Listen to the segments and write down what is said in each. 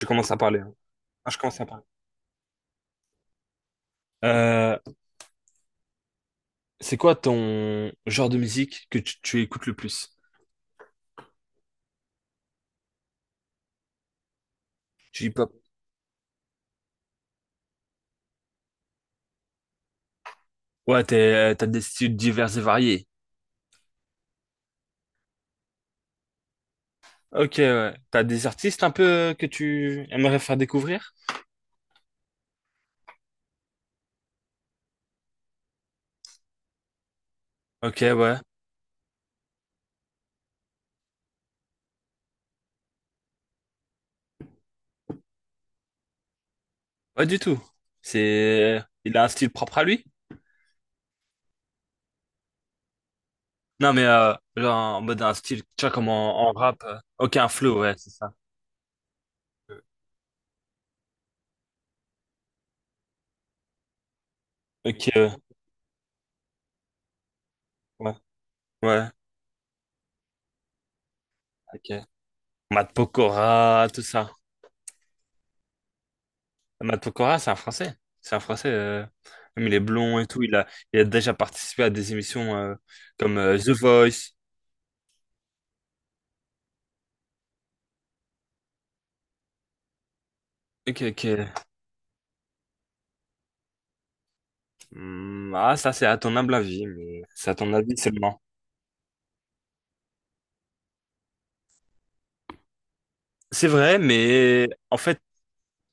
Je commence à parler, hein. Ah, je commence à parler. Euh, c'est quoi ton genre de musique que tu écoutes le plus? Du hip-hop. Ouais, t'as des styles divers et variés. Ok, ouais. T'as des artistes un peu que tu aimerais faire découvrir? Ok, ouais. Pas du tout. Il a un style propre à lui? Non, mais genre en mode un style, tu vois, comme en rap. Ok, un flow, ouais, c'est ça. Ok, ouais. Ouais. Ouais. Ok. Matt Pokora, tout ça. Matt Pokora, c'est un Français. C'est un Français. Même il est blond et tout. Il a déjà participé à des émissions comme The Voice. Ok, ok. Hmm, ah, ça, c'est à ton humble avis, mais c'est à ton avis seulement. C'est vrai, mais en fait,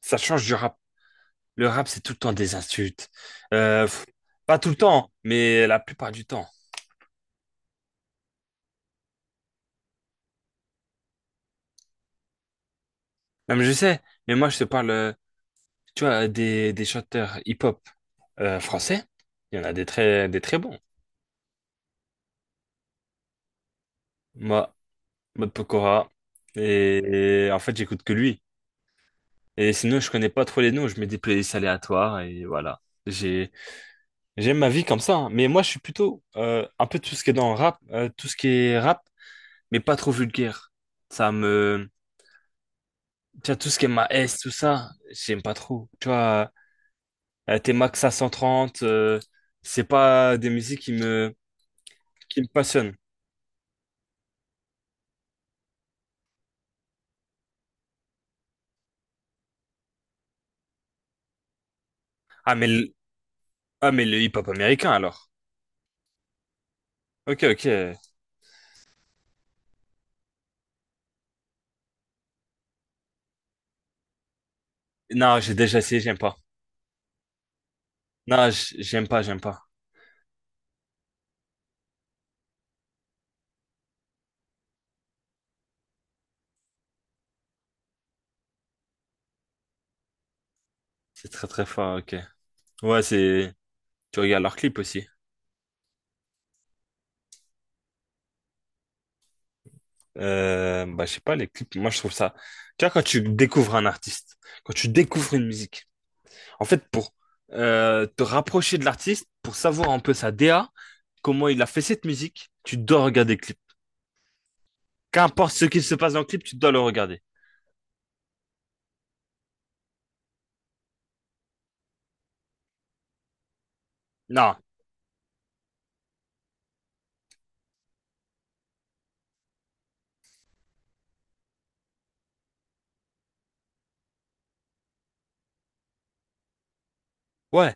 ça change du rap. Le rap, c'est tout le temps des insultes. Euh, pff, Pas tout le temps, mais la plupart du temps. Non, mais je sais, mais moi, je te parle, tu vois, des chanteurs hip-hop français. Il y en a des très bons. Moi, Mode Pokora. Et, et en fait, j'écoute que lui. Et sinon, je connais pas trop les noms, je mets des playlists aléatoires et voilà. J'ai, J'aime ma vie comme ça, hein. Mais moi, je suis plutôt un peu tout ce qui est dans le rap, tout ce qui est rap, mais pas trop vulgaire. Ça me. Tu vois, tout ce qui est ma S, tout ça, j'aime pas trop. Tu vois, t'es Max à 130, c'est pas des musiques qui me passionnent. Ah, mais le, ah, mais le hip-hop américain alors. Ok, ok. Non, j'ai déjà essayé, j'aime pas. Non, j'aime pas, j'aime pas. C'est très très fort, ok. Ouais, c'est. Tu regardes leurs clips aussi. Bah, je sais pas, les clips, moi je trouve ça. Tu vois, quand tu découvres un artiste, quand tu découvres une musique, en fait, pour te rapprocher de l'artiste, pour savoir un peu sa DA comment il a fait cette musique, tu dois regarder le clip. Qu'importe ce qui se passe dans le clip, tu dois le regarder. Non, ouais,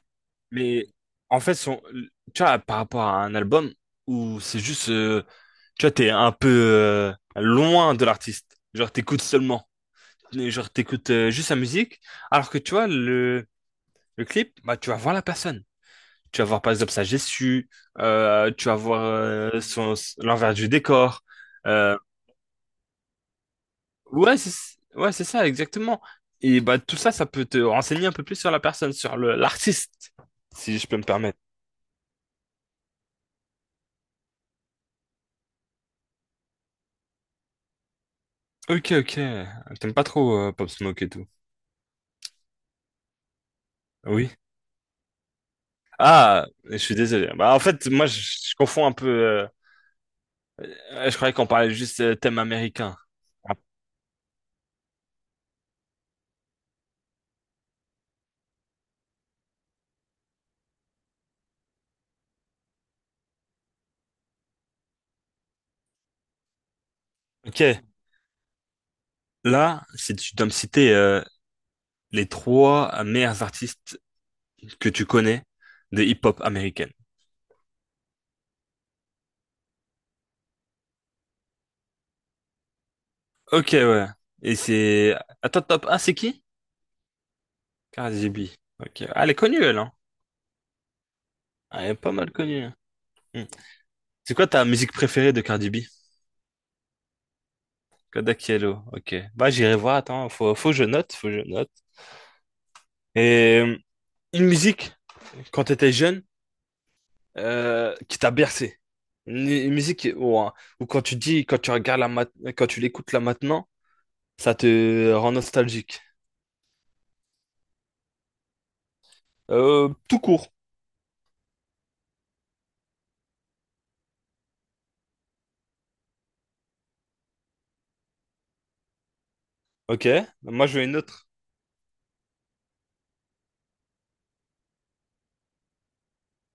mais en fait, son... Tu vois, par rapport à un album où c'est juste. Tu vois, t'es un peu loin de l'artiste. Genre, t'écoutes seulement. Et genre, t'écoutes juste sa musique, alors que tu vois, le clip, bah, tu vas voir la personne. Tu vas voir par exemple sa gestu, tu vas voir son, l'envers du décor. Euh, ouais, c'est, ouais, c'est ça, exactement. Et bah, tout ça, ça peut te renseigner un peu plus sur la personne, sur l'artiste, si je peux me permettre. Ok, ok. T'aimes pas trop Pop Smoke et tout. Oui. Ah, je suis désolé. Bah, en fait, moi, je confonds un peu. Je croyais qu'on parlait juste thème américain. Ah, ok. Là, si tu dois me citer les trois meilleurs artistes que tu connais de hip-hop américaine. Ok, ouais. Et c'est... Attends, top un, c'est qui? Cardi B. Ok. Ah, elle est connue, elle, hein. Ah, elle est pas mal connue. Hmm. C'est quoi ta musique préférée de Cardi B? Kodak Yellow. Ok. Bah, j'irai voir. Attends, faut que je note, faut que je note. Et une musique, quand t'étais jeune, qui t'a bercé. Une musique, ou quand tu dis, quand tu regardes la quand tu l'écoutes là maintenant, ça te rend nostalgique. Tout court. Ok. Moi, je veux une autre.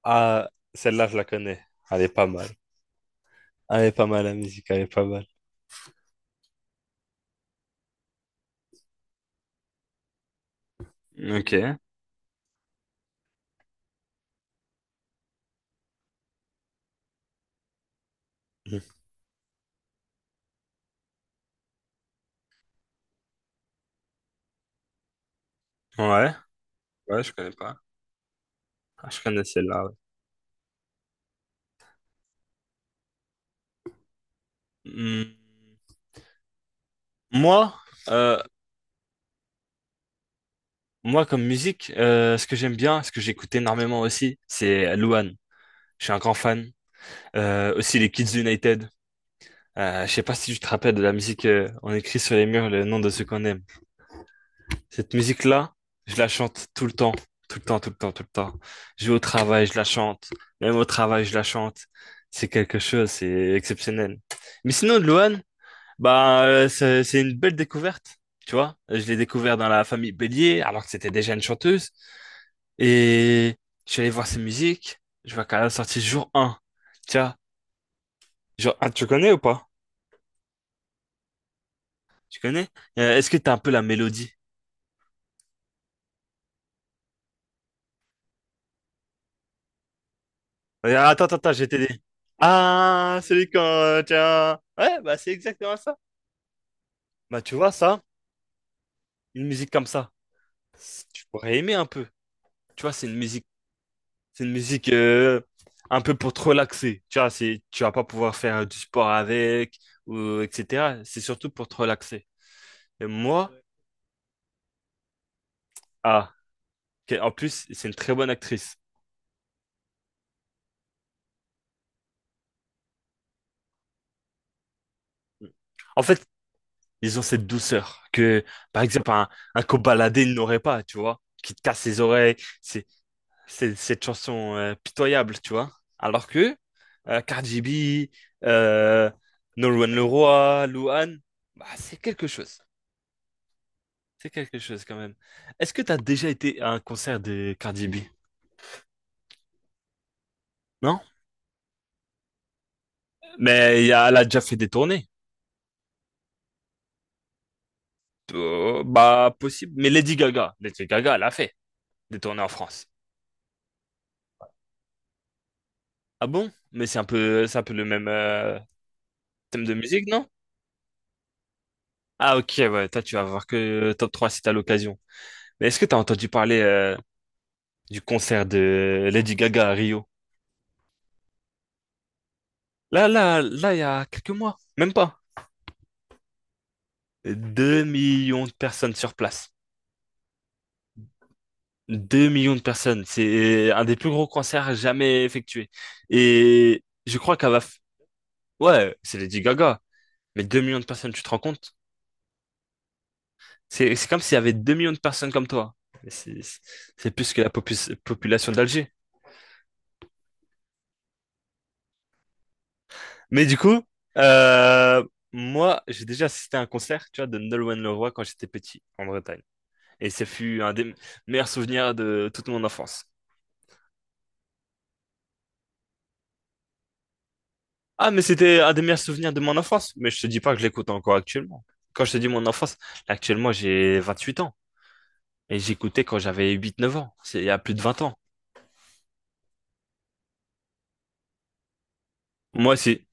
Ah, celle-là, je la connais. Elle est pas mal. Elle est pas mal, la musique. Elle est pas mal. Ok. Mhm. Ouais. Ouais, je connais pas. Ah, je connais celle-là. Ouais. Hmm. Moi, euh, moi, comme musique, ce que j'aime bien, ce que j'écoute énormément aussi, c'est Luan. Je suis un grand fan. Aussi les Kids United. Je sais pas si tu te rappelles de la musique, on écrit sur les murs le nom de ceux qu'on aime. Cette musique-là, je la chante tout le temps, tout le temps, tout le temps, tout le temps. Je vais au travail, je la chante. Même au travail, je la chante. C'est quelque chose, c'est exceptionnel. Mais sinon, Luan, bah, c'est une belle découverte, tu vois. Je l'ai découvert dans la famille Bélier, alors que c'était déjà une chanteuse. Et je suis allé voir ses musiques. Je vois qu'elle a sorti jour un. Tiens, jour 1, tu connais ou pas? Tu connais? Est-ce que t'as un peu la mélodie? Et attends, attends, attends, je vais t'aider. Ah, celui quand, tiens. Ouais, bah c'est exactement ça. Bah tu vois ça, une musique comme ça, tu pourrais aimer un peu. Tu vois, c'est une musique un peu pour te relaxer. Tu vois, c'est, tu vas pas pouvoir faire du sport avec ou etc. C'est surtout pour te relaxer. Et moi, ah, en plus, c'est une très bonne actrice. En fait, ils ont cette douceur que, par exemple, un Kobalade, ils n'aurait pas, tu vois, qui te casse les oreilles. C'est, Cette chanson pitoyable, tu vois. Alors que Cardi B, euh, Nolwenn Leroy, Louane, bah, c'est quelque chose. C'est quelque chose quand même. Est-ce que tu as déjà été à un concert de Cardi B? Non? Mais elle a déjà fait des tournées. Bah, possible. Mais Lady Gaga, Lady Gaga, elle a fait des tournées en France. Ah bon? Mais c'est un peu le même thème de musique, non? Ah ok, ouais, toi tu vas voir que top 3 si t'as l'occasion. Mais est-ce que t'as entendu parler du concert de Lady Gaga à Rio. Là, là, là, il y a quelques mois, même pas. 2 millions de personnes sur place. 2 millions de personnes. C'est un des plus gros concerts jamais effectués. Et je crois qu'elle va... Ouais, c'est Lady Gaga. Mais 2 millions de personnes, tu te rends compte? C'est comme s'il y avait 2 millions de personnes comme toi. Mais c'est plus que la population d'Alger. Mais du coup, euh, moi, j'ai déjà assisté à un concert, tu vois, de Nolwenn Leroy quand j'étais petit, en Bretagne. Et ce fut un des meilleurs souvenirs de toute mon enfance. Ah, mais c'était un des meilleurs souvenirs de mon enfance. Mais je te dis pas que je l'écoute encore actuellement. Quand je te dis mon enfance, là, actuellement, j'ai 28 ans. Et j'écoutais quand j'avais 8, 9 ans. C'est il y a plus de 20 ans. Moi, c'est,